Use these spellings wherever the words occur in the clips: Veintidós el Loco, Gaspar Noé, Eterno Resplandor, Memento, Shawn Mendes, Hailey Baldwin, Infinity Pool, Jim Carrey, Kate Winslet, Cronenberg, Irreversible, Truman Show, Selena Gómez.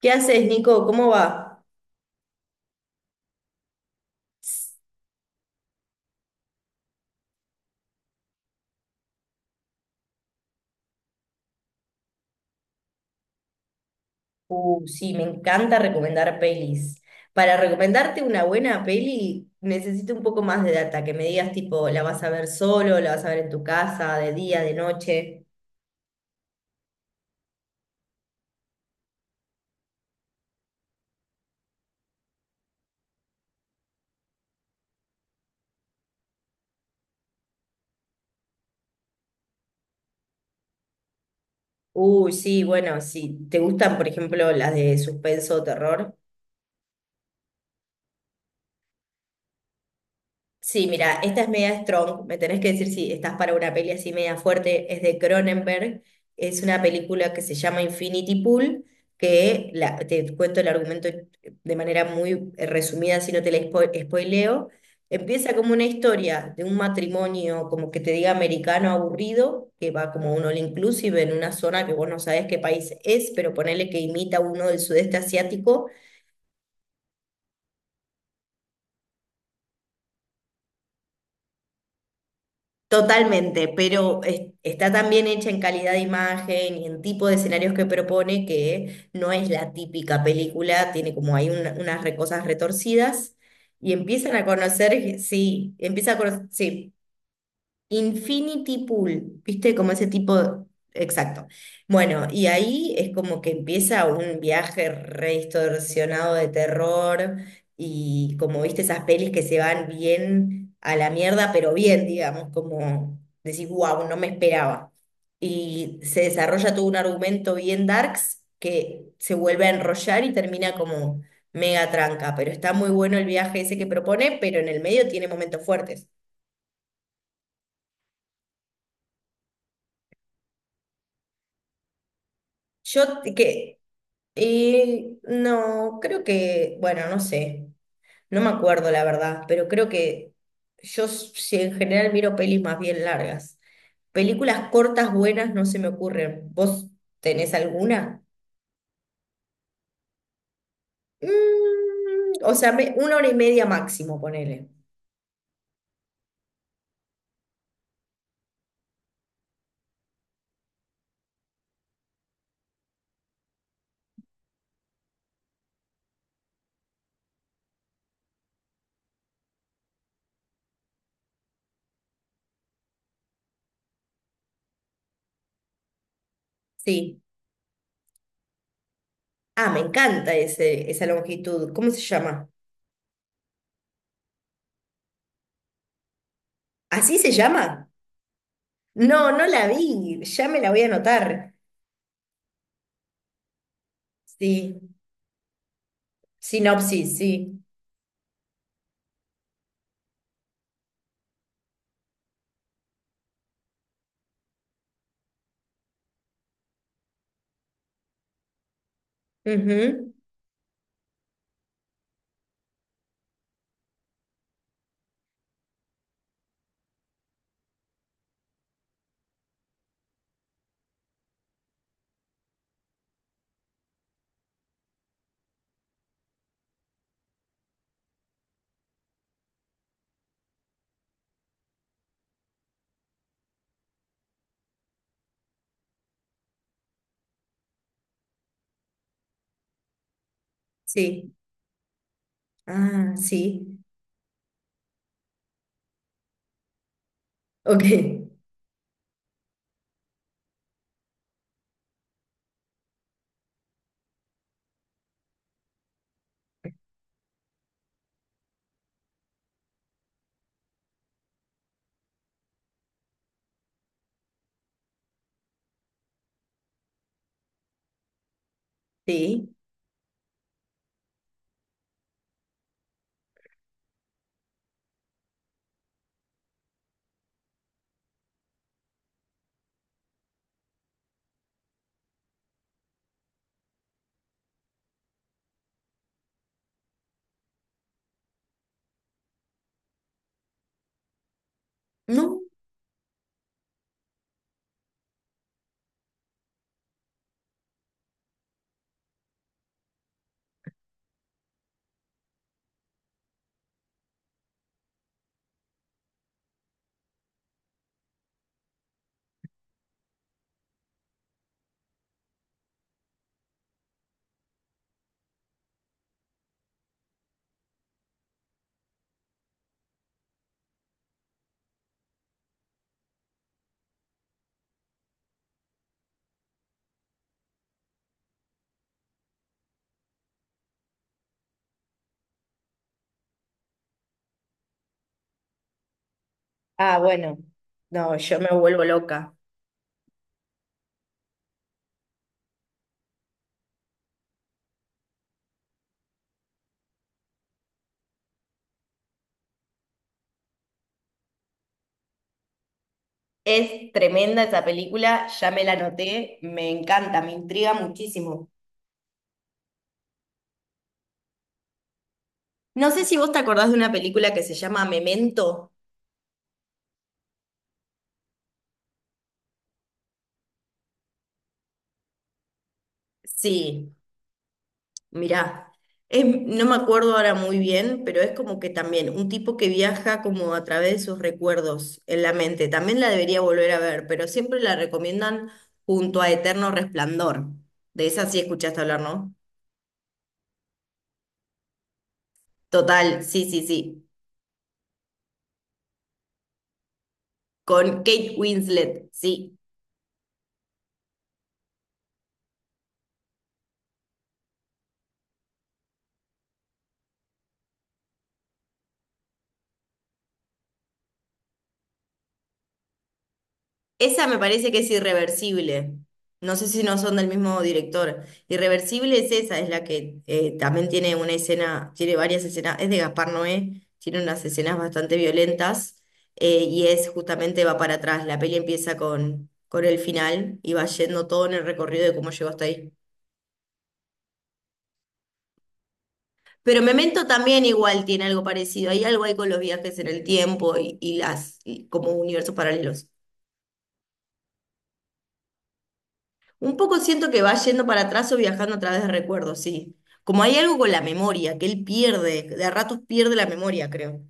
¿Qué haces, Nico? ¿Cómo va? Sí, me encanta recomendar pelis. Para recomendarte una buena peli, necesito un poco más de data, que me digas tipo, ¿la vas a ver solo? ¿La vas a ver en tu casa? ¿De día? ¿De noche? Uy, sí, bueno, si te gustan, por ejemplo, las de suspenso o terror. Sí, mira, esta es media strong. Me tenés que decir si estás para una peli así media fuerte. Es de Cronenberg. Es una película que se llama Infinity Pool, te cuento el argumento de manera muy resumida, si no te la spoileo. Empieza como una historia de un matrimonio, como que te diga americano aburrido, que va como un all inclusive en una zona que vos no sabés qué país es, pero ponele que imita uno del sudeste asiático. Totalmente, pero está tan bien hecha en calidad de imagen y en tipo de escenarios que propone que no es la típica película, tiene como hay unas cosas retorcidas y empiezan a conocer, sí, empieza a conocer. Infinity Pool, ¿viste? Como ese tipo, exacto. Bueno, y ahí es como que empieza un viaje re distorsionado de terror y como viste esas pelis que se van bien a la mierda, pero bien, digamos, como decís, wow, no me esperaba. Y se desarrolla todo un argumento bien darks que se vuelve a enrollar y termina como mega tranca, pero está muy bueno el viaje ese que propone, pero en el medio tiene momentos fuertes. Yo, que Y no, creo que, bueno, no sé, no me acuerdo la verdad, pero creo que si en general miro pelis más bien largas. Películas cortas buenas no se me ocurren. ¿Vos tenés alguna? Mm, o sea, una hora y media máximo, ponele. Sí. Ah, me encanta ese, esa longitud. ¿Cómo se llama? ¿Así se llama? No, no la vi. Ya me la voy a anotar. Sí. Sinopsis, sí. Ujú. Sí. Ah, sí. Ok. Sí. No. Ah, bueno, no, yo me vuelvo loca. Es tremenda esa película, ya me la anoté, me encanta, me intriga muchísimo. No sé si vos te acordás de una película que se llama Memento. Sí. Mirá, no me acuerdo ahora muy bien, pero es como que también un tipo que viaja como a través de sus recuerdos en la mente. También la debería volver a ver, pero siempre la recomiendan junto a Eterno Resplandor. De esa sí escuchaste hablar, ¿no? Total, sí, sí, sí. Con Kate Winslet, sí. Esa me parece que es irreversible. No sé si no son del mismo director. Irreversible es esa, es la que también tiene una escena, tiene varias escenas, es de Gaspar Noé, tiene unas escenas bastante violentas y es justamente va para atrás. La peli empieza con el final y va yendo todo en el recorrido de cómo llegó hasta ahí. Pero Memento también igual tiene algo parecido. Hay algo ahí con los viajes en el tiempo y las y como universos paralelos. Un poco siento que va yendo para atrás o viajando a través de recuerdos, sí. Como hay algo con la memoria, que él pierde, de a ratos pierde la memoria, creo.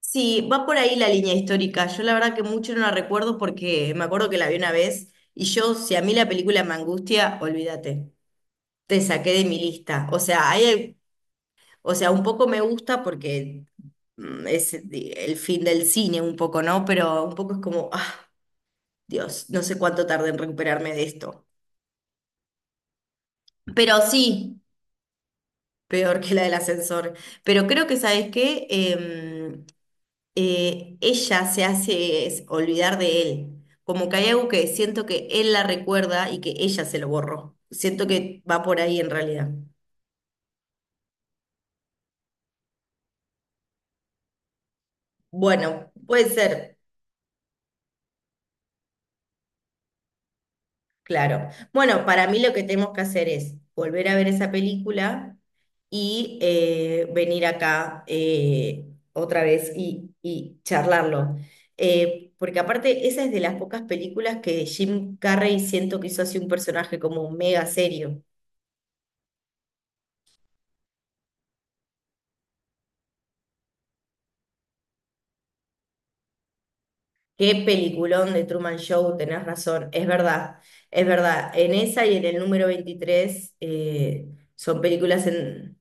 Sí, va por ahí la línea histórica. Yo la verdad que mucho no la recuerdo porque me acuerdo que la vi una vez y yo, si a mí la película me angustia, olvídate, te saqué de mi lista. O sea, hay, o sea, un poco me gusta porque mm, es el fin del cine, un poco, ¿no? Pero un poco es como, ah, Dios, no sé cuánto tardé en recuperarme de esto. Pero sí. Peor que la del ascensor. Pero creo que, ¿sabes qué? Ella olvidar de él. Como que hay algo que siento que él la recuerda y que ella se lo borró. Siento que va por ahí en realidad. Bueno, puede ser. Claro. Bueno, para mí lo que tenemos que hacer es volver a ver esa película y venir acá, otra vez y charlarlo. Porque aparte, esa es de las pocas películas que Jim Carrey siento que hizo así un personaje como mega serio. Qué peliculón de Truman Show, tenés razón, es verdad, es verdad. En esa y en el número 23, son películas en...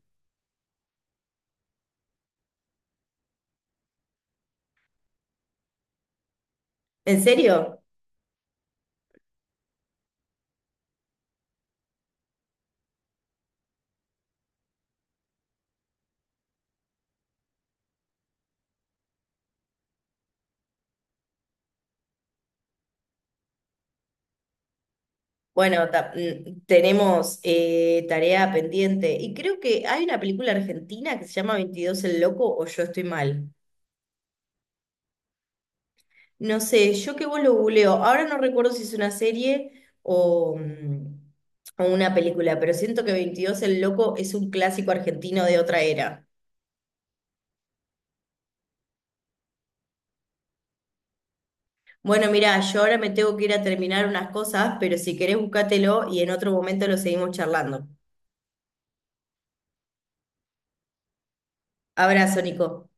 ¿En serio? Bueno, tenemos tarea pendiente y creo que hay una película argentina que se llama 22 el Loco o Yo estoy mal. No sé, yo que vos lo googleo. Ahora no recuerdo si es una serie o, mm, o una película, pero siento que 22 el Loco es un clásico argentino de otra era. Bueno, mirá, yo ahora me tengo que ir a terminar unas cosas, pero si querés búscatelo y en otro momento lo seguimos charlando. Abrazo, Nico.